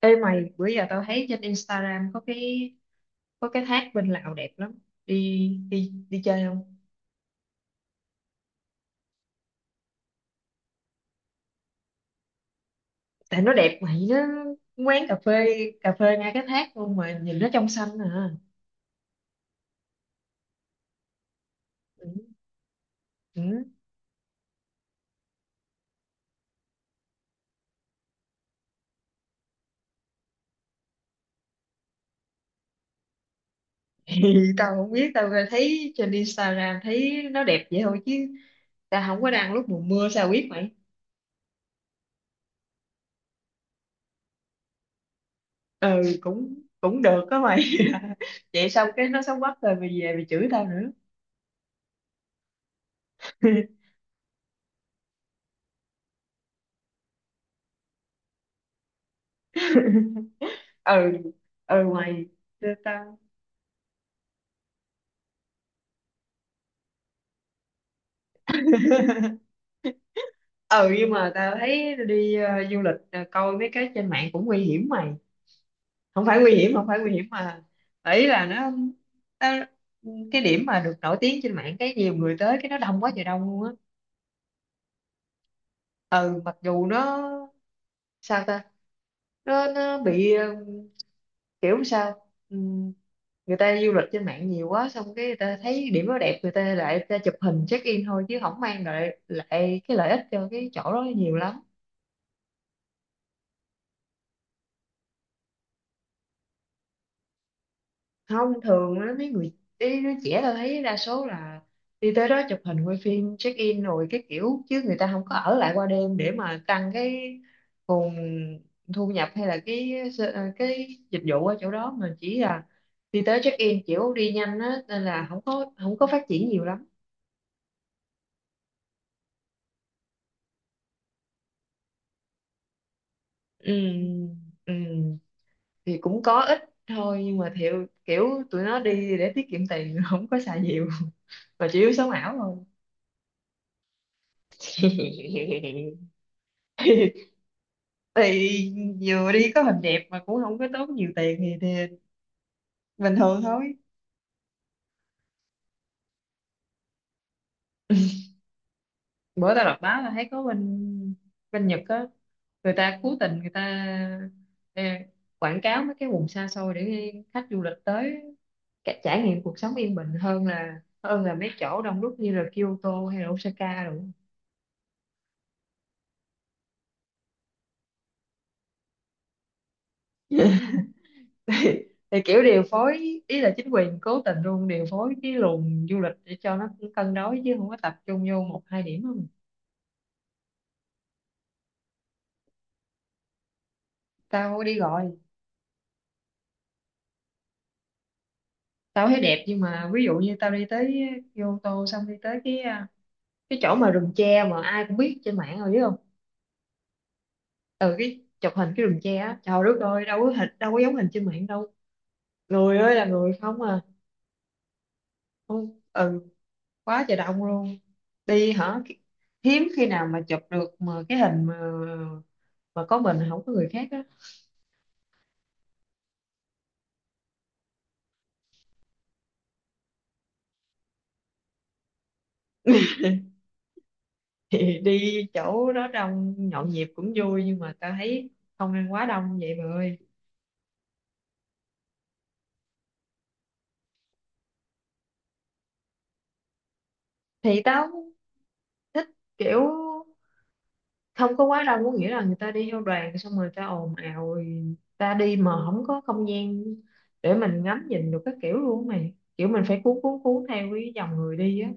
Ê mày, bữa giờ tao thấy trên Instagram có cái thác bên Lào đẹp lắm. Đi đi đi chơi không? Tại nó đẹp mày, nó quán cà phê ngay cái thác luôn mà nhìn nó trong xanh à. Ừ. Ừ. Thì tao không biết, tao thấy trên Instagram thấy nó đẹp vậy thôi chứ tao không có đăng lúc mùa mưa sao biết mày. Ừ, cũng cũng được đó mày. Vậy xong cái nó xấu quắc rồi mày về mày chửi tao nữa. Ừ, ừ mày, tao ừ, nhưng mà tao thấy đi du lịch coi mấy cái trên mạng cũng nguy hiểm mày. Không phải nguy hiểm, không phải nguy hiểm mà ý là nó, tao, cái điểm mà được nổi tiếng trên mạng, cái nhiều người tới cái nó đông quá trời đông luôn á. Ừ, mặc dù nó sao ta, nó bị kiểu sao, người ta du lịch trên mạng nhiều quá xong cái người ta thấy điểm nó đẹp, người ta lại người ta chụp hình check in thôi chứ không mang lại lại cái lợi ích cho cái chỗ đó nhiều lắm. Không thường á, mấy người, mấy đứa trẻ tôi thấy đa số là đi tới đó chụp hình quay phim check in rồi cái kiểu, chứ người ta không có ở lại qua đêm để mà tăng cái nguồn thu nhập hay là cái cái dịch vụ ở chỗ đó, mà chỉ là đi tới check in kiểu đi nhanh á nên là không có phát triển nhiều lắm. Ừ, ừ, thì cũng có ít thôi nhưng mà thiệu kiểu tụi nó đi để tiết kiệm tiền, không có xài nhiều mà chủ yếu sống ảo thôi. thì vừa đi có hình đẹp mà cũng không có tốn nhiều tiền thì, bình thường thôi. Bữa tao đọc báo là thấy có bên bên Nhật á, người ta cố tình người ta ờ, quảng cáo mấy cái vùng xa xôi để khách du lịch tới trải nghiệm cuộc sống yên bình hơn là mấy chỗ đông đúc như là Kyoto hay là Osaka rồi. thì, thì kiểu điều phối, ý là chính quyền cố tình luôn điều phối cái luồng du lịch để cho nó cân đối chứ không có tập trung vô một hai điểm không. Tao đi gọi, tao thấy đẹp nhưng mà ví dụ như tao đi tới, vô ô tô xong đi tới cái chỗ mà rừng tre mà ai cũng biết trên mạng rồi, biết không? Ừ, cái chụp hình cái rừng tre á, trời đất ơi, đâu có hình, đâu có giống hình trên mạng đâu, người ơi là người không à. Không, ừ, quá trời đông luôn, đi hả, hiếm khi nào mà chụp được mà cái hình mà có mình không có người khác á. thì đi chỗ đó đông nhộn nhịp cũng vui nhưng mà tao thấy không nên quá đông vậy mà ơi. Thì tao thích kiểu không có quá đông, có nghĩa là người ta đi theo đoàn xong rồi người ta ồn ào rồi ta đi mà không có không gian để mình ngắm nhìn được các kiểu luôn á mày, kiểu mình phải cuốn cuốn cuốn theo cái dòng người đi á.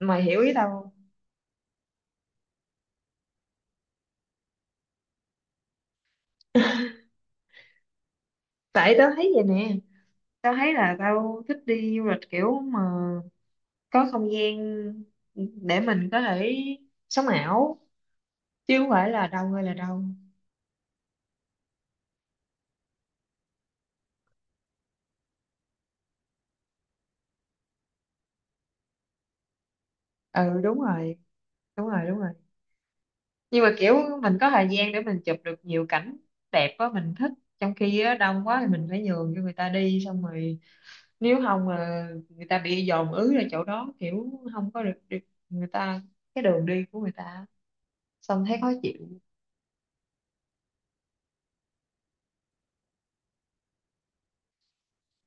Mày hiểu ý tao không? tại tao thấy vậy nè, tao thấy là tao thích đi du lịch kiểu mà có không gian để mình có thể sống ảo, chứ không phải là đâu hay là đâu. Ừ, đúng rồi, đúng rồi, đúng rồi. Nhưng mà kiểu mình có thời gian để mình chụp được nhiều cảnh đẹp á mình thích, trong khi á, đông quá thì mình phải nhường cho người ta đi xong rồi, nếu không mà người ta bị dồn ứ ra chỗ đó kiểu không có được người ta, cái đường đi của người ta, xong thấy khó chịu.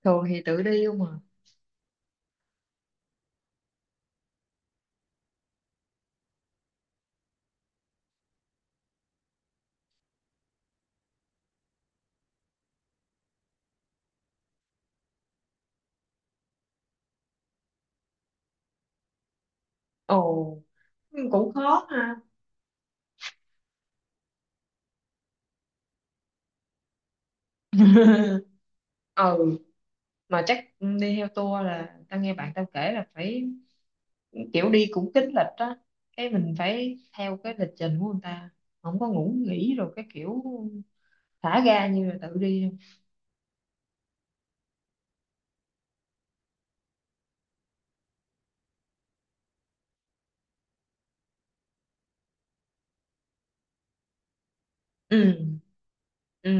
Thường thì tự đi không mà. Ồ, cũng khó ha. ừ, mà chắc đi theo tour là tao nghe bạn tao kể là phải kiểu đi cũng kín lịch á, cái mình phải theo cái lịch trình của người ta, không có ngủ nghỉ rồi cái kiểu thả ga như là tự đi luôn. Ừ, ừ,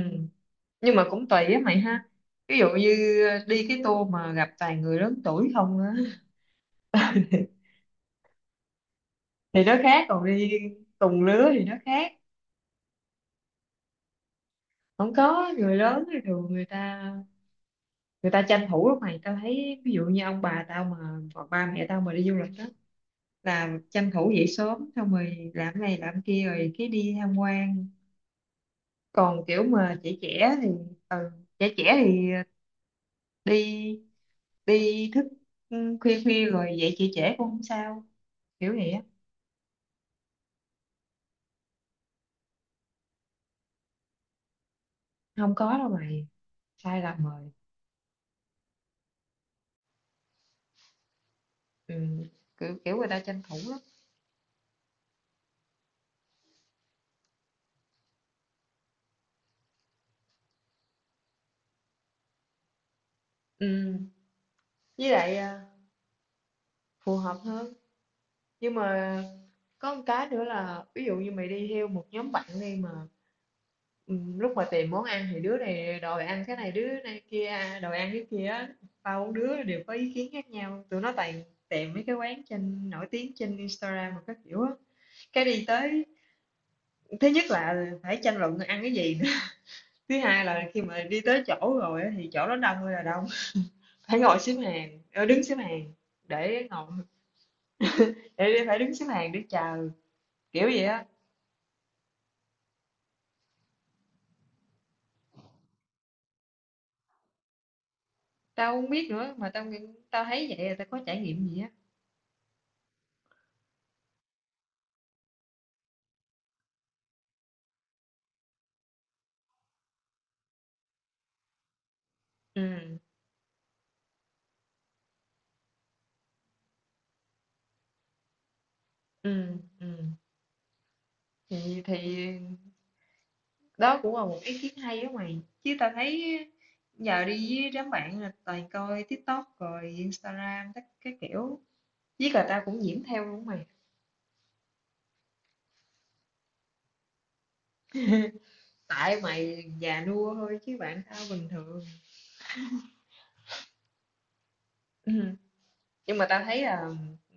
nhưng mà cũng tùy á mày ha, ví dụ như đi cái tour mà gặp toàn người lớn tuổi không á thì nó khác, còn đi cùng lứa thì nó khác. Không có người lớn thì thường người ta, người ta tranh thủ lắm mày. Tao thấy ví dụ như ông bà tao mà, hoặc ba mẹ tao mà đi du lịch đó là tranh thủ dậy sớm xong rồi làm này làm kia rồi cái đi tham quan, còn kiểu mà trẻ trẻ thì, ừ, trẻ trẻ thì đi đi thức, ừ, khuya khuya rồi dậy trễ trễ cũng không sao, kiểu vậy á. Không có đâu mày, sai lầm rồi. Ừ, kiểu kiểu người ta tranh thủ lắm. Ừ, với lại à, phù hợp hơn. Nhưng mà có một cái nữa là ví dụ như mày đi theo một nhóm bạn đi mà, ừ, lúc mà tìm món ăn thì đứa này đòi ăn cái này, đứa này kia à, đòi ăn cái kia á. Bao đứa đều có ý kiến khác nhau, tụi nó toàn tìm mấy cái quán trên nổi tiếng trên Instagram mà các kiểu á, cái đi tới. Thứ nhất là phải tranh luận ăn cái gì nữa, thứ hai là khi mà đi tới chỗ rồi á, thì chỗ đó đông ơi là đông, phải ngồi xếp hàng, đứng xếp hàng để ngồi, để phải đứng xếp hàng để chờ, kiểu vậy á. Tao không biết nữa, mà tao nghĩ tao thấy vậy là tao có trải nghiệm gì á. Ừ, ừ, ừ. Thì đó cũng là một ý kiến hay đó mày. Chứ tao thấy giờ đi với đám bạn là toàn coi TikTok rồi Instagram tất cái kiểu. Với cả tao cũng nhiễm theo luôn mày. Tại mày già nua thôi chứ bạn tao bình thường. Ừm, Nhưng mà tao thấy là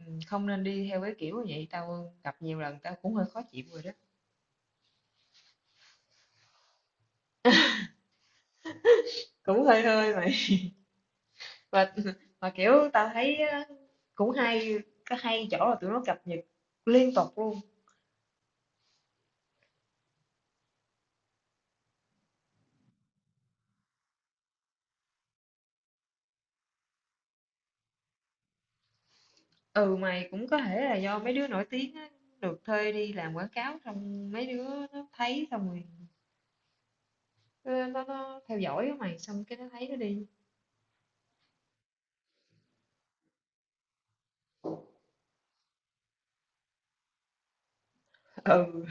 ừ, không nên đi theo cái kiểu như vậy, tao gặp nhiều lần tao cũng hơi khó chịu rồi đó. Cũng hơi hơi mày. Và mà kiểu tao thấy á, cũng hay có hay chỗ là tụi nó cập nhật liên tục luôn. Ừ mày, cũng có thể là do mấy đứa nổi tiếng á, được thuê đi làm quảng cáo xong mấy đứa nó thấy xong rồi nó theo dõi á mày, xong cái nó thấy nó đi. Ừ.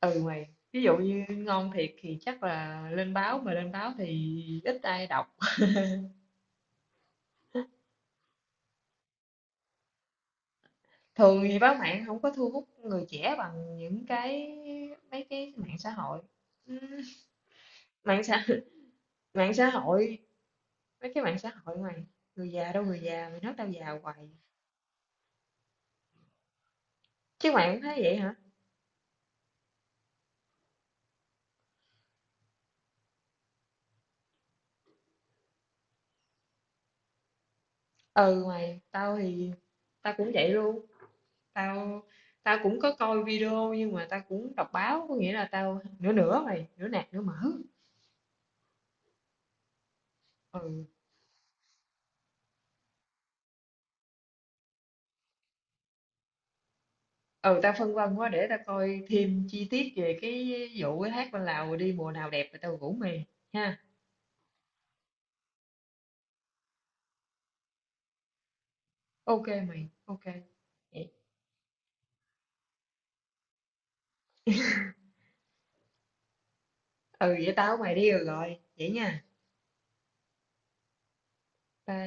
Ừ mày, ví dụ như ngon thiệt thì chắc là lên báo, mà lên báo thì ít ai đọc. Thường thì báo mạng không có thu hút người trẻ bằng những cái, mấy cái mạng xã hội. Ừ, mạng xã mạng xã hội mấy cái mạng xã hội mày. Người già đâu, người già mày nói tao già hoài, chứ mày cũng thấy vậy hả? Ừ mày, tao thì tao cũng vậy luôn, tao tao cũng có coi video nhưng mà tao cũng đọc báo, có nghĩa là tao nửa nửa mày, nửa nạc nửa mỡ. Ừ, ừ, tao phân vân quá, để tao coi thêm chi tiết về cái vụ cái hát bên Lào đi mùa nào đẹp rồi tao rủ mày ha. Ok mày, ok vậy. Ừ, vậy tao với mày đi rồi rồi vậy nha. Bye.